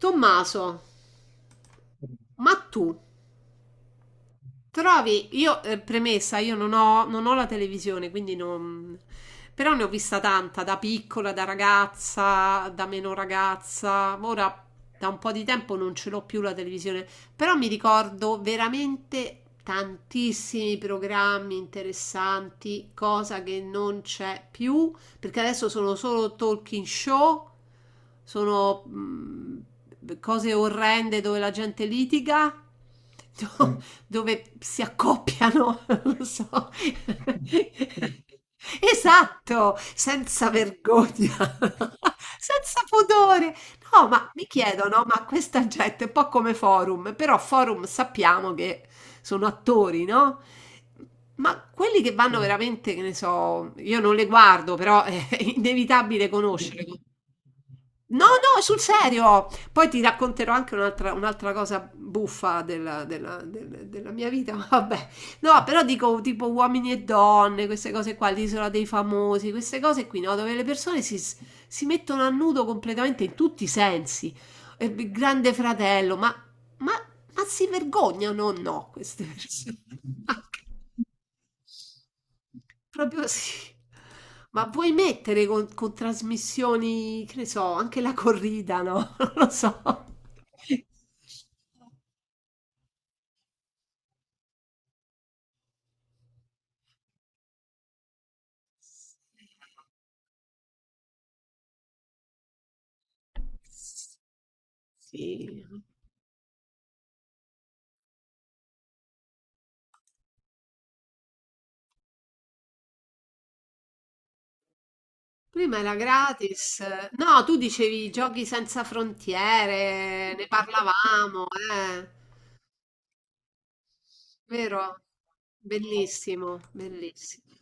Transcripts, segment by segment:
Tommaso, ma tu trovi, io premessa, io non ho la televisione, quindi non... Però ne ho vista tanta, da piccola, da ragazza, da meno ragazza. Ora da un po' di tempo non ce l'ho più la televisione, però mi ricordo veramente tantissimi programmi interessanti, cosa che non c'è più, perché adesso sono solo talking show, sono cose orrende dove la gente litiga. Mm. No, dove si accoppiano, non lo so. Esatto, senza vergogna, senza pudore. No, ma mi chiedono, no, ma questa gente è un po' come Forum, però Forum sappiamo che sono attori, no? Ma quelli che vanno veramente, che ne so, io non le guardo, però è inevitabile conoscere. No, no, sul serio. Poi ti racconterò anche un'altra cosa buffa della mia vita. Ma vabbè, no, però dico tipo uomini e donne, queste cose qua, l'isola dei famosi, queste cose qui, no? Dove le persone si mettono a nudo completamente in tutti i sensi. E il Grande fratello, ma, ma si vergognano o no queste persone? Proprio sì. Ma vuoi mettere con trasmissioni, che ne so, anche la corrida, no? Non lo so. Sì. Prima era gratis. No, tu dicevi giochi senza frontiere, ne parlavamo, eh. Vero? Bellissimo, bellissimo.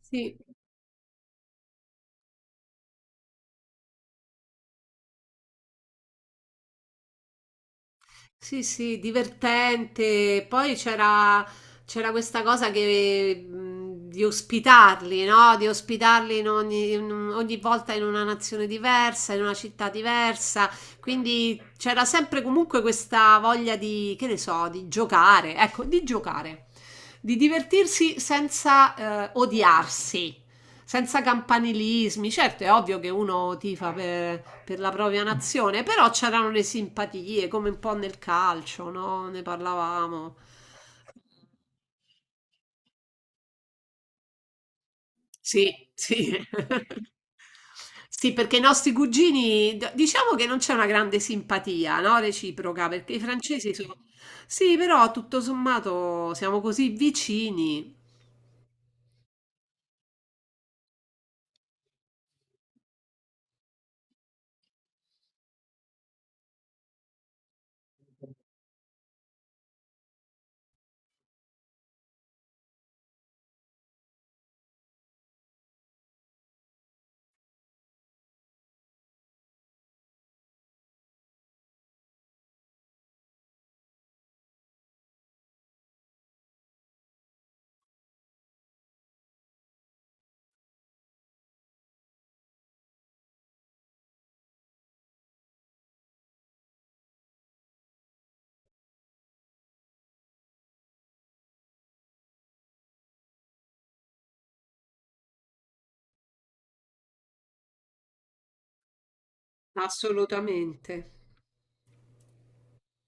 Sì. Sì, sì, divertente. Poi c'era questa cosa che, di ospitarli, no? Di ospitarli in ogni, in un- ogni volta in una nazione diversa, in una città diversa. Quindi c'era sempre comunque questa voglia di, che ne so, di giocare, ecco, di giocare, di divertirsi senza odiarsi senza campanilismi. Certo, è ovvio che uno tifa per la propria nazione, però c'erano le simpatie, come un po' nel calcio, no? Ne parlavamo. Sì, sì. Sì, perché i nostri cugini, diciamo che non c'è una grande simpatia, no? Reciproca, perché i francesi sono... Sì, però tutto sommato siamo così vicini. Assolutamente.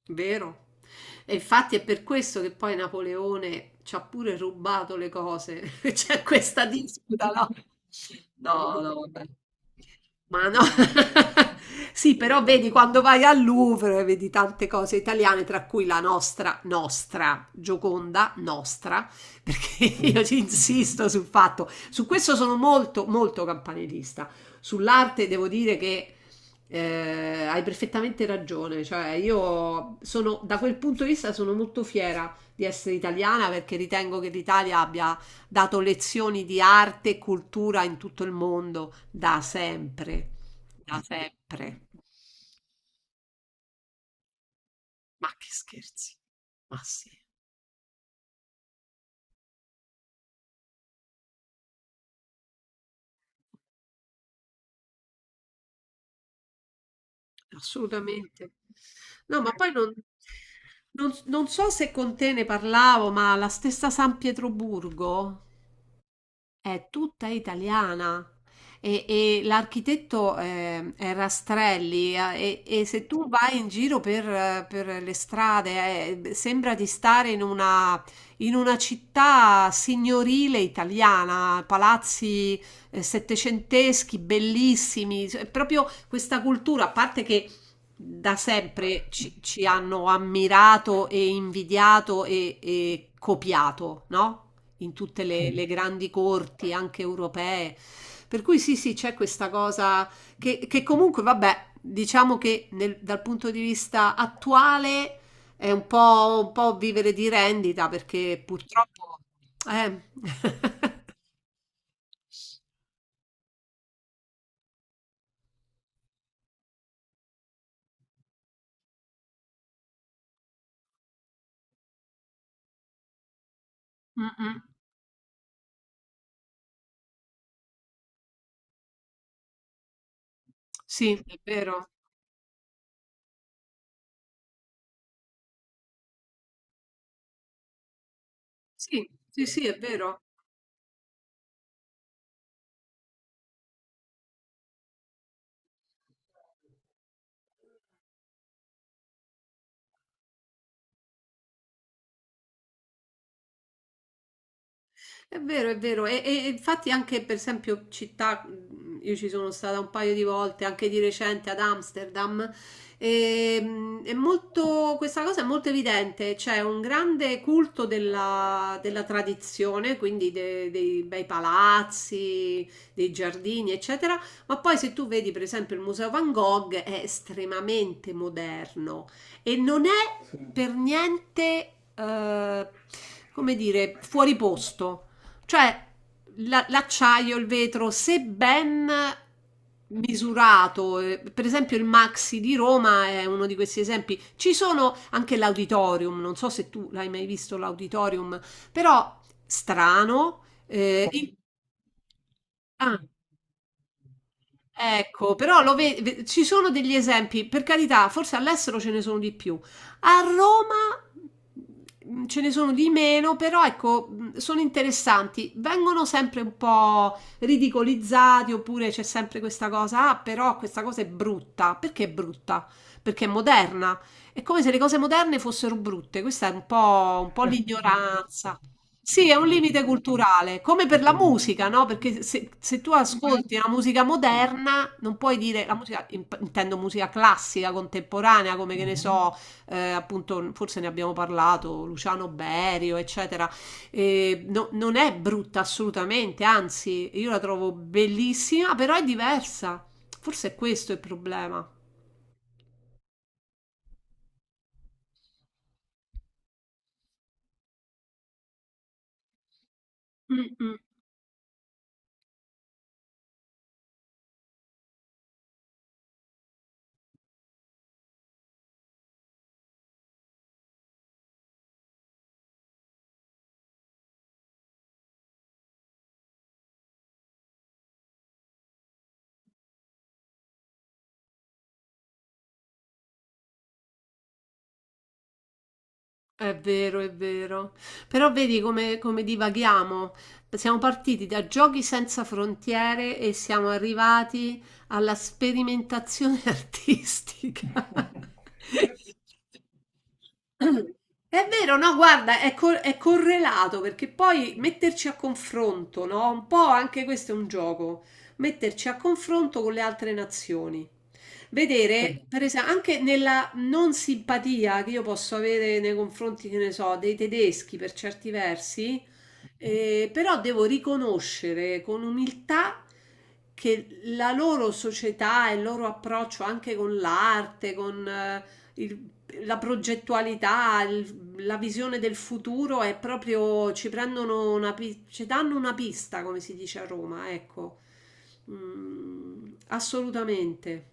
Vero. E infatti è per questo che poi Napoleone ci ha pure rubato le cose. C'è questa disputa, no? No, no, vabbè. Ma no. Sì, però vedi quando vai al Louvre vedi tante cose italiane, tra cui la nostra, nostra Gioconda, nostra, perché io ci insisto sul fatto, su questo sono molto, molto campanilista. Sull'arte devo dire che hai perfettamente ragione, cioè io sono, da quel punto di vista sono molto fiera di essere italiana perché ritengo che l'Italia abbia dato lezioni di arte e cultura in tutto il mondo da sempre, da sempre. Ma che scherzi. Ma sì. Assolutamente. No, ma poi non so se con te ne parlavo, ma la stessa San Pietroburgo. È tutta italiana, e l'architetto, è Rastrelli, e se tu vai in giro per le strade, sembra di stare in una città signorile italiana, palazzi settecenteschi bellissimi, cioè, è proprio questa cultura, a parte che da sempre ci hanno ammirato e invidiato e copiato, no? In tutte le grandi corti, anche europee. Per cui sì, sì, c'è questa cosa che comunque, vabbè, diciamo che dal punto di vista attuale è un po' vivere di rendita perché purtroppo... Eh. Mm, mm. Sì, è vero. Sì, sì, sì, è vero. È vero, è vero, e infatti anche per esempio città, io ci sono stata un paio di volte, anche di recente ad Amsterdam, e, è molto, questa cosa è molto evidente, c'è un grande culto della tradizione, quindi dei bei palazzi, dei giardini, eccetera, ma poi se tu vedi per esempio il Museo Van Gogh è estremamente moderno e non è, sì, per niente, come dire, fuori posto. Cioè, l'acciaio, il vetro, se ben misurato, per esempio il Maxi di Roma è uno di questi esempi. Ci sono anche l'auditorium, non so se tu l'hai mai visto l'auditorium, però strano. eh, il- Ecco, però ci sono degli esempi, per carità, forse all'estero ce ne sono di più. A Roma ce ne sono di meno, però ecco, sono interessanti. Vengono sempre un po' ridicolizzati, oppure c'è sempre questa cosa, ah, però questa cosa è brutta. Perché è brutta? Perché è moderna. È come se le cose moderne fossero brutte. Questa è un po' l'ignoranza. Sì, è un limite culturale, come per la musica, no? Perché se tu ascolti la musica moderna, non puoi dire la musica, intendo musica classica, contemporanea, come che ne so, appunto, forse ne abbiamo parlato, Luciano Berio, eccetera. Non è brutta assolutamente, anzi, io la trovo bellissima, però è diversa. Forse è questo il problema. È vero, è vero. Però vedi come divaghiamo. Siamo partiti da giochi senza frontiere e siamo arrivati alla sperimentazione artistica. È vero, no, guarda, è correlato perché poi metterci a confronto, no? Un po' anche questo è un gioco, metterci a confronto con le altre nazioni. Vedere, per esempio, anche nella non simpatia che io posso avere nei confronti, che ne so, dei tedeschi per certi versi, però devo riconoscere con umiltà che la loro società e il loro approccio anche con l'arte, con... il- la progettualità, la visione del futuro è proprio, ci danno una pista, come si dice a Roma, ecco. Mm, assolutamente.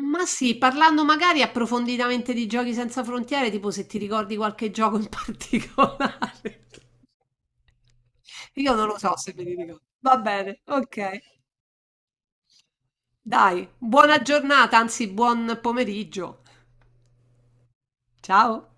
Ma sì, parlando magari approfonditamente di giochi senza frontiere, tipo se ti ricordi qualche gioco in particolare. Io non lo so se me li ricordo. Va bene, ok. Dai, buona giornata, anzi buon pomeriggio. Ciao.